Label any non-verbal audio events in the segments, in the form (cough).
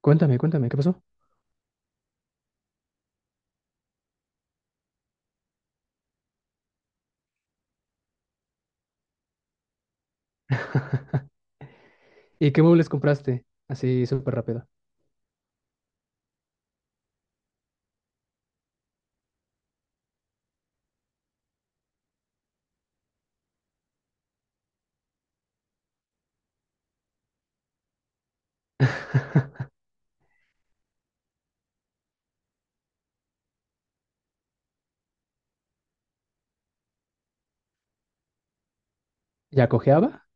Cuéntame, cuéntame, ¿qué pasó? (laughs) ¿Y qué muebles compraste? Así súper rápido. (laughs) ¿Ya cojeaba?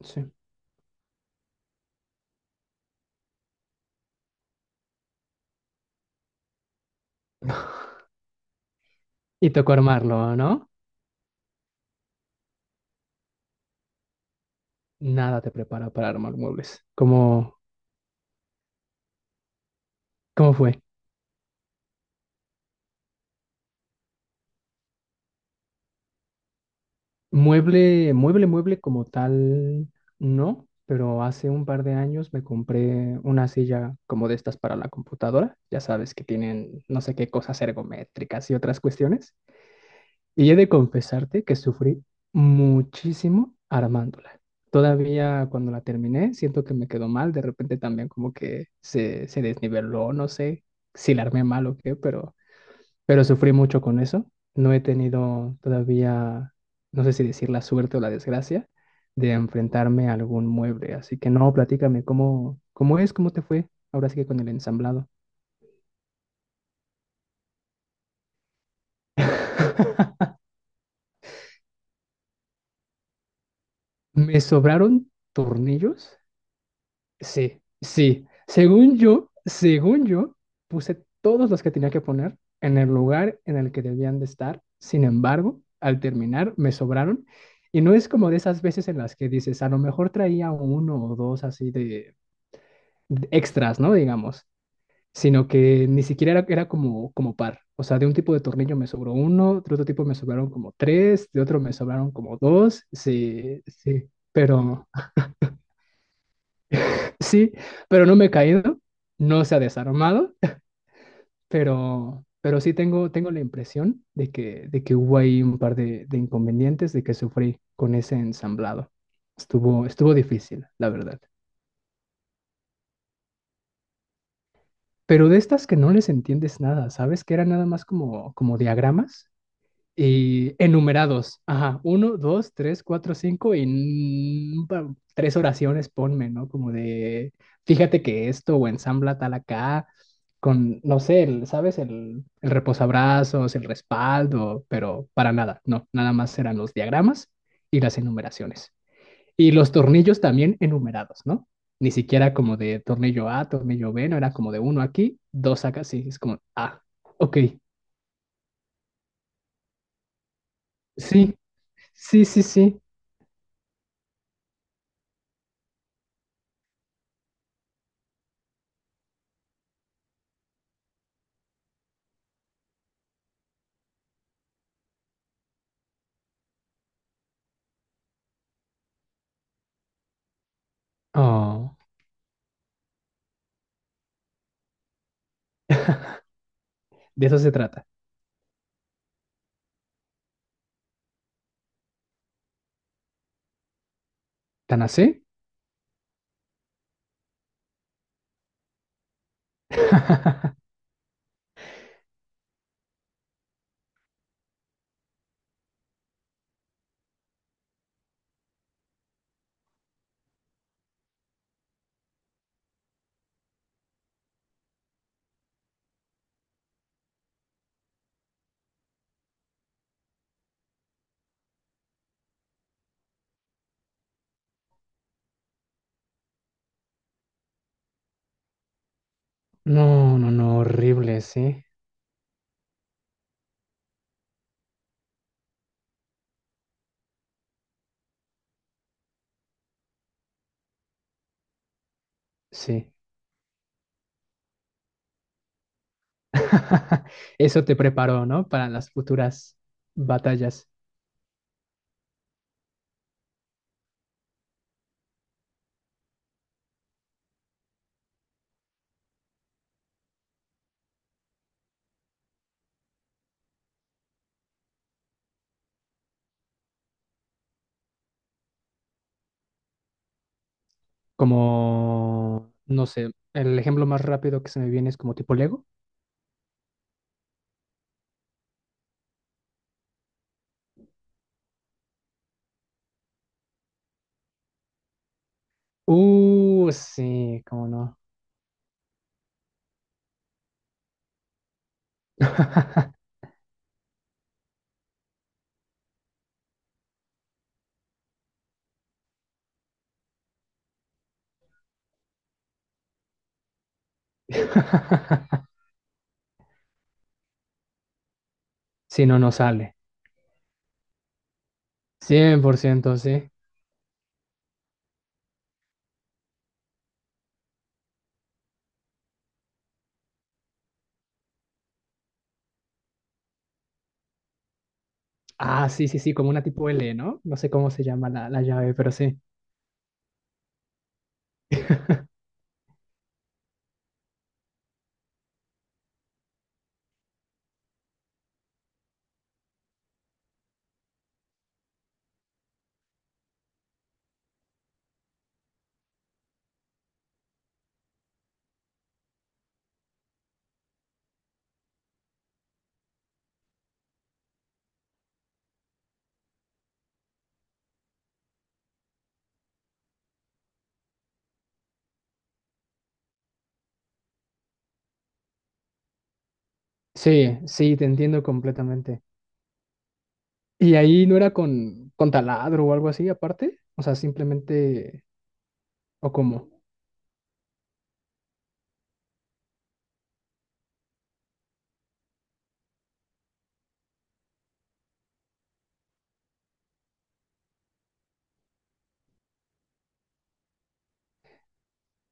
Sí. (laughs) Y tocó armarlo, ¿no? Nada te prepara para armar muebles. ¿Cómo fue? Mueble, mueble, mueble como tal, no, pero hace un par de años me compré una silla como de estas para la computadora. Ya sabes que tienen no sé qué cosas ergométricas y otras cuestiones. Y he de confesarte que sufrí muchísimo armándola. Todavía cuando la terminé, siento que me quedó mal. De repente también como que se desniveló, no sé si la armé mal o qué, pero sufrí mucho con eso. No he tenido todavía, no sé si decir la suerte o la desgracia, de enfrentarme a algún mueble. Así que no, platícame, ¿cómo es? ¿Cómo te fue? Ahora sí que con el ensamblado. (laughs) Me sobraron tornillos. Sí, sí. Según yo, puse todos los que tenía que poner en el lugar en el que debían de estar. Sin embargo, al terminar, me sobraron. Y no es como de esas veces en las que dices, a lo mejor traía uno o dos así de extras, ¿no? Digamos. Sino que ni siquiera era como, como par. O sea, de un tipo de tornillo me sobró uno, de otro tipo me sobraron como tres, de otro me sobraron como dos. Sí, sí, pero. Sí, pero no me he caído, no se ha desarmado, (laughs) pero sí tengo, tengo la impresión de que hubo ahí un par de inconvenientes de que sufrí con ese ensamblado. Estuvo, estuvo difícil, la verdad. Pero de estas que no les entiendes nada, ¿sabes? Que eran nada más como, como diagramas. Y enumerados. Ajá, uno, dos, tres, cuatro, cinco y mm, pa- tres oraciones ponme, ¿no? Como de, fíjate que esto o ensambla tal acá, con, no sé, ¿sabes? El reposabrazos, el respaldo, pero para nada, no, nada más eran los diagramas y las enumeraciones. Y los tornillos también enumerados, ¿no? Ni siquiera como de tornillo A, tornillo B, no era como de uno aquí, dos acá, sí, es como, ah, ok, sí. Sí, sí, sí. Oh, (laughs) de eso se trata. ¿Tan así? (laughs) No, no, no, horrible, sí, sí. (laughs) Eso te preparó, ¿no? Para las futuras batallas. Como, no sé, el ejemplo más rápido que se me viene es como tipo Lego. Sí, cómo no. (laughs) Si no, no sale. 100%, sí. Ah, sí, sí, sí, como una tipo L, ¿no? No sé cómo se llama la, la llave, pero sí. (laughs) Sí, sí, te entiendo completamente. ¿Y ahí no era con taladro o algo así aparte? O sea, simplemente, ¿o cómo?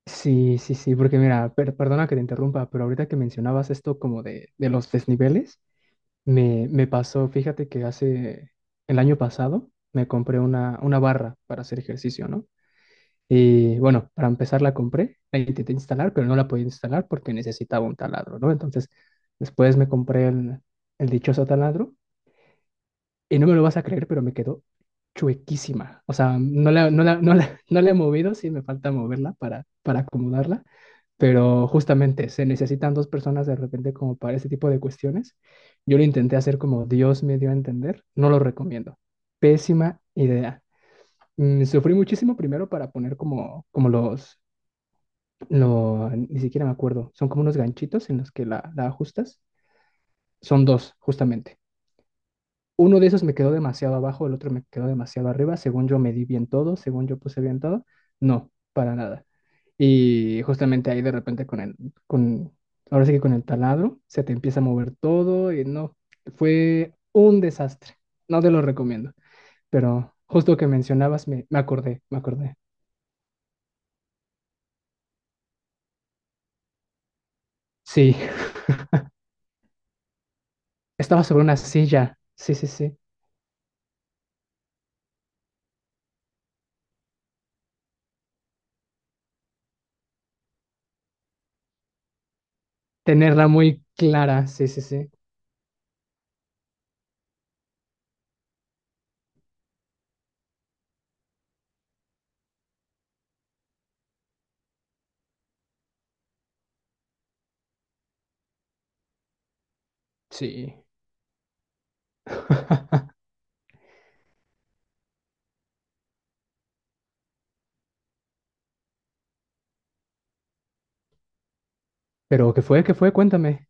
Sí, sí, sí, porque mira, perdona que te interrumpa, pero ahorita que mencionabas esto como de los desniveles, me pasó, fíjate que hace el año pasado me compré una barra para hacer ejercicio, ¿no? Y bueno, para empezar la compré, la intenté instalar, pero no la podía instalar porque necesitaba un taladro, ¿no? Entonces, después me compré el dichoso taladro. Y no me lo vas a creer, pero me quedó chuequísima. O sea, no la, (laughs) no la he movido, sí me falta moverla para acomodarla, pero justamente se necesitan dos personas de repente como para ese tipo de cuestiones. Yo lo intenté hacer como Dios me dio a entender, no lo recomiendo. Pésima idea. Sufrí muchísimo primero para poner como, como los, lo, ni siquiera me acuerdo, son como unos ganchitos en los que la ajustas. Son dos, justamente. Uno de esos me quedó demasiado abajo, el otro me quedó demasiado arriba. Según yo medí bien todo, según yo puse bien todo. No, para nada. Y justamente ahí de repente con, ahora sí que con el taladro, se te empieza a mover todo y no, fue un desastre. No te lo recomiendo, pero justo que mencionabas, me acordé. Sí, (laughs) estaba sobre una silla. Sí, sí, sí. Tenerla muy clara. Sí, sí, sí. Sí. (laughs) Pero, ¿qué fue? ¿Qué fue? Cuéntame.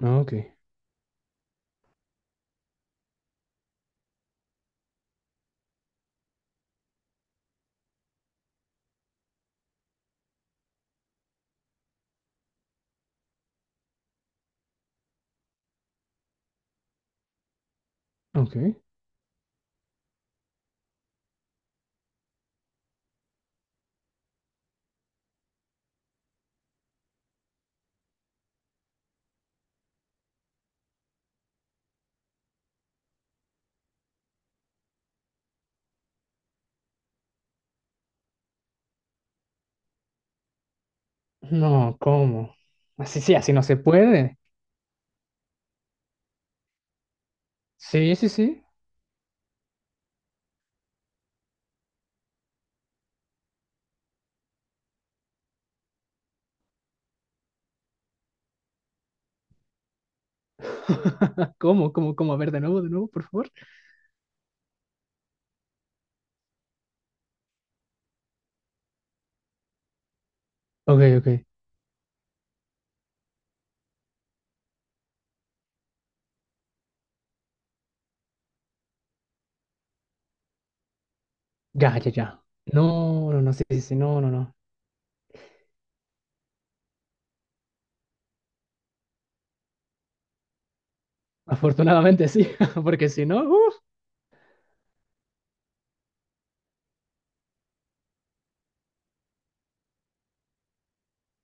Ah, ok. Ok. No, ¿cómo? Así sí, así no se puede. Sí, sí, sí. (laughs) ¿Cómo? A ver, de nuevo, por favor. Ok, ok. Ya, ya, ya. No, no, no, sí, sí, sí, no, no, no. Afortunadamente sí, (laughs) porque si no, uff,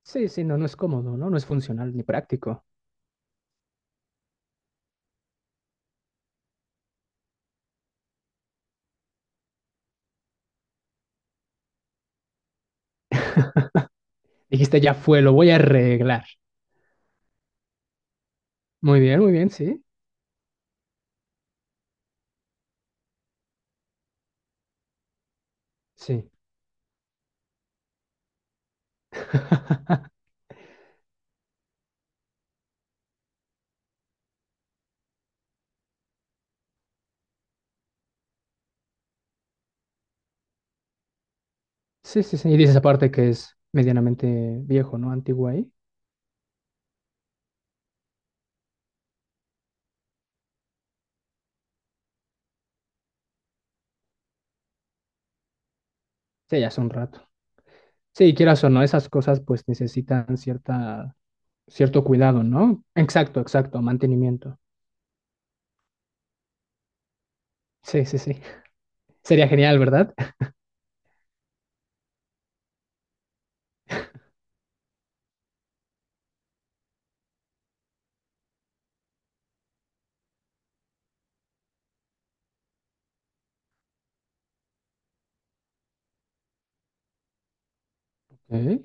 sí, sí, no, no es cómodo, ¿no? No es funcional ni práctico. Dijiste, ya fue, lo voy a arreglar. Muy bien, sí, sí. (laughs) Sí, sí, sí. Y dices aparte que es medianamente viejo, ¿no? Antiguo ahí. Sí, ya hace un rato. Sí, quieras o no, esas cosas pues necesitan cierta cierto cuidado, ¿no? Exacto, exacto, mantenimiento. Sí, sí, sí. Sería genial, ¿verdad? Ok,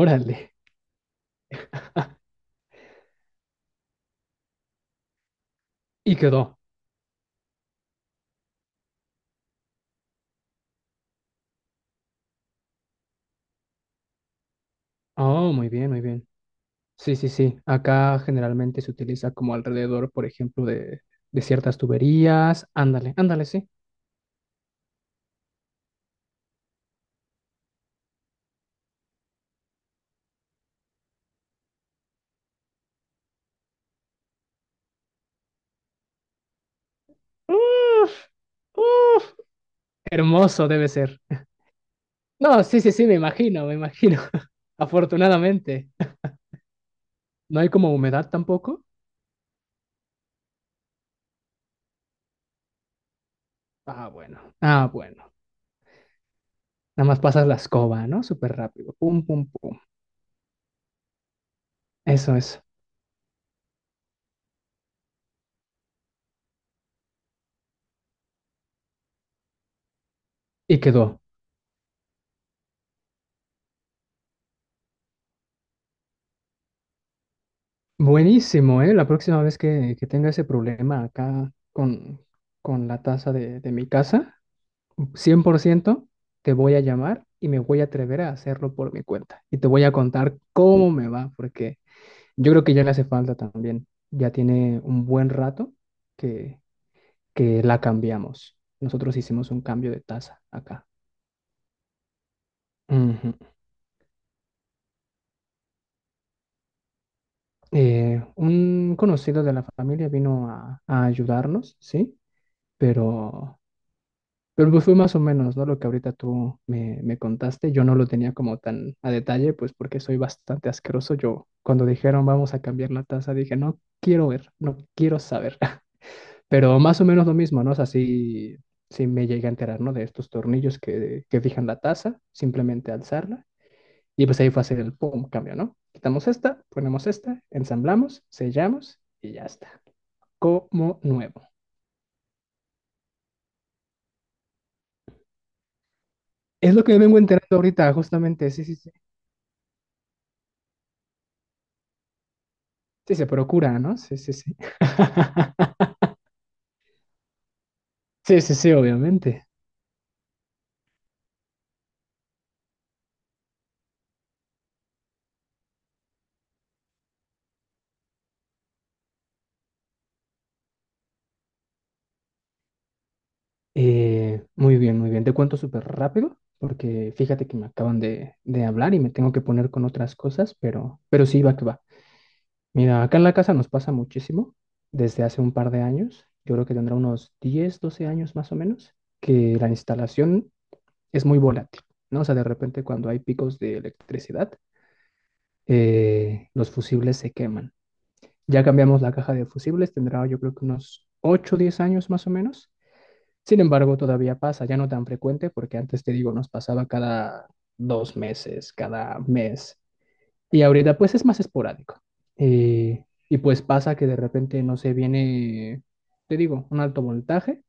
órale. Ah, y quedó. Oh, muy bien, muy bien. Sí, sí, sí. Acá generalmente se utiliza como alrededor, por ejemplo, de ciertas tuberías. Ándale, ándale, sí. Uf, uf. Hermoso debe ser. No, sí, sí, sí, me imagino, me imagino. (laughs) Afortunadamente. ¿No hay como humedad tampoco? Ah, bueno. Ah, bueno. Nada más pasas la escoba, ¿no? Súper rápido. Pum, pum, pum. Eso es. Y quedó. Buenísimo, ¿eh? La próxima vez que tenga ese problema acá con la taza de mi casa, 100% te voy a llamar y me voy a atrever a hacerlo por mi cuenta. Y te voy a contar cómo me va, porque yo creo que ya le hace falta también. Ya tiene un buen rato que, que la cambiamos. Nosotros hicimos un cambio de taza acá. Ujú. Un conocido de la familia vino a ayudarnos, ¿sí? Pero pues fue más o menos, ¿no? Lo que ahorita tú me, me contaste, yo no lo tenía como tan a detalle, pues porque soy bastante asqueroso. Yo cuando dijeron vamos a cambiar la taza, dije, no quiero ver, no quiero saber. (laughs) Pero más o menos lo mismo, ¿no? O sea, sí, sí me llegué a enterar, ¿no? De estos tornillos que fijan la taza, simplemente alzarla. Y pues ahí fue hacer el pum, cambio, ¿no? Quitamos esta, ponemos esta, ensamblamos, sellamos y ya está. Como nuevo. Es lo que me vengo enterando ahorita, justamente, sí, sí, sí, se procura, ¿no? Sí, sí, sí. (laughs) Sí, sí, sí, obviamente. Muy bien, muy bien. Te cuento súper rápido, porque fíjate que me acaban de hablar y me tengo que poner con otras cosas, pero sí, va que va. Mira, acá en la casa nos pasa muchísimo desde hace un par de años. Yo creo que tendrá unos 10, 12 años más o menos, que la instalación es muy volátil, ¿no? O sea, de repente cuando hay picos de electricidad, los fusibles se queman. Ya cambiamos la caja de fusibles, tendrá yo creo que unos 8 o 10 años más o menos. Sin embargo, todavía pasa, ya no tan frecuente, porque antes te digo, nos pasaba cada 2 meses, cada mes. Y ahorita pues es más esporádico. Eh, y pues pasa que de repente, no se viene, te digo, un alto voltaje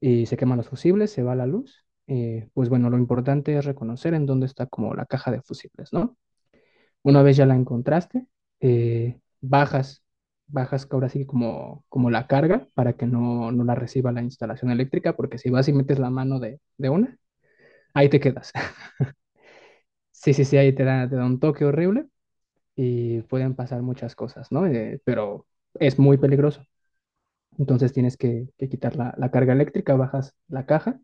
y se queman los fusibles, se va la luz. Pues bueno, lo importante es reconocer en dónde está como la caja de fusibles, ¿no? Una vez ya la encontraste, bajas, bajas que ahora sí como, como la carga para que no, no la reciba la instalación eléctrica, porque si vas y metes la mano de una, ahí te quedas. (laughs) Sí, sí, sí, ahí te da un toque horrible y pueden pasar muchas cosas, ¿no? Pero es muy peligroso. Entonces tienes que quitar la, la carga eléctrica, bajas la caja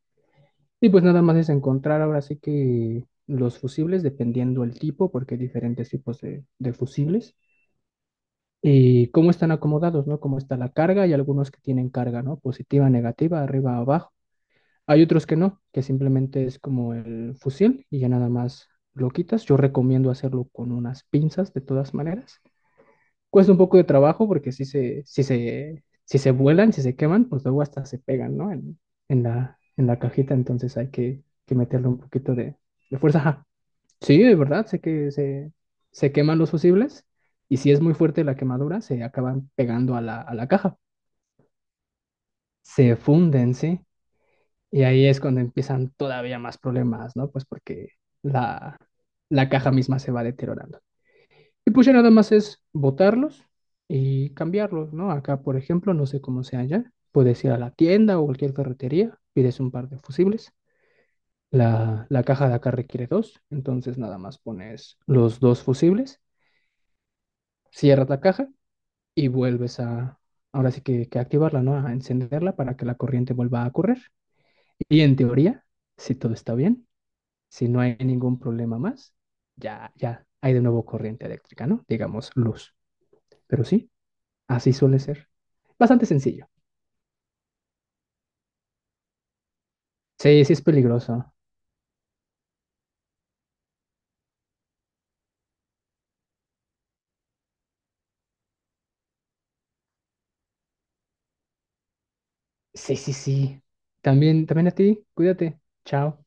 y pues nada más es encontrar ahora sí que los fusibles, dependiendo el tipo, porque hay diferentes tipos de fusibles y cómo están acomodados, ¿no? Cómo está la carga y algunos que tienen carga, ¿no? Positiva, negativa, arriba, abajo. Hay otros que no, que simplemente es como el fusil y ya nada más lo quitas. Yo recomiendo hacerlo con unas pinzas de todas maneras. Cuesta un poco de trabajo porque si se vuelan, si se queman, pues luego hasta se pegan, ¿no? En la cajita, entonces hay que meterle un poquito de fuerza. Ajá. Sí, de verdad, sé que se queman los fusibles y si es muy fuerte la quemadura, se acaban pegando a la caja. Se funden, ¿sí? Y ahí es cuando empiezan todavía más problemas, ¿no? Pues porque la, la caja misma se va deteriorando. Y pues ya nada más es botarlos y cambiarlos, ¿no? Acá, por ejemplo, no sé cómo sea allá, puedes ir a la tienda o cualquier ferretería, pides un par de fusibles. La caja de acá requiere dos, entonces nada más pones los dos fusibles. Cierras la caja y vuelves a, ahora sí que activarla, ¿no? A encenderla para que la corriente vuelva a correr. Y en teoría, si todo está bien, si no hay ningún problema más, ya hay de nuevo corriente eléctrica, ¿no? Digamos luz. Pero sí, así suele ser. Bastante sencillo. Sí, sí es peligroso. Sí, sí, sí. También, también a ti, cuídate. Chao.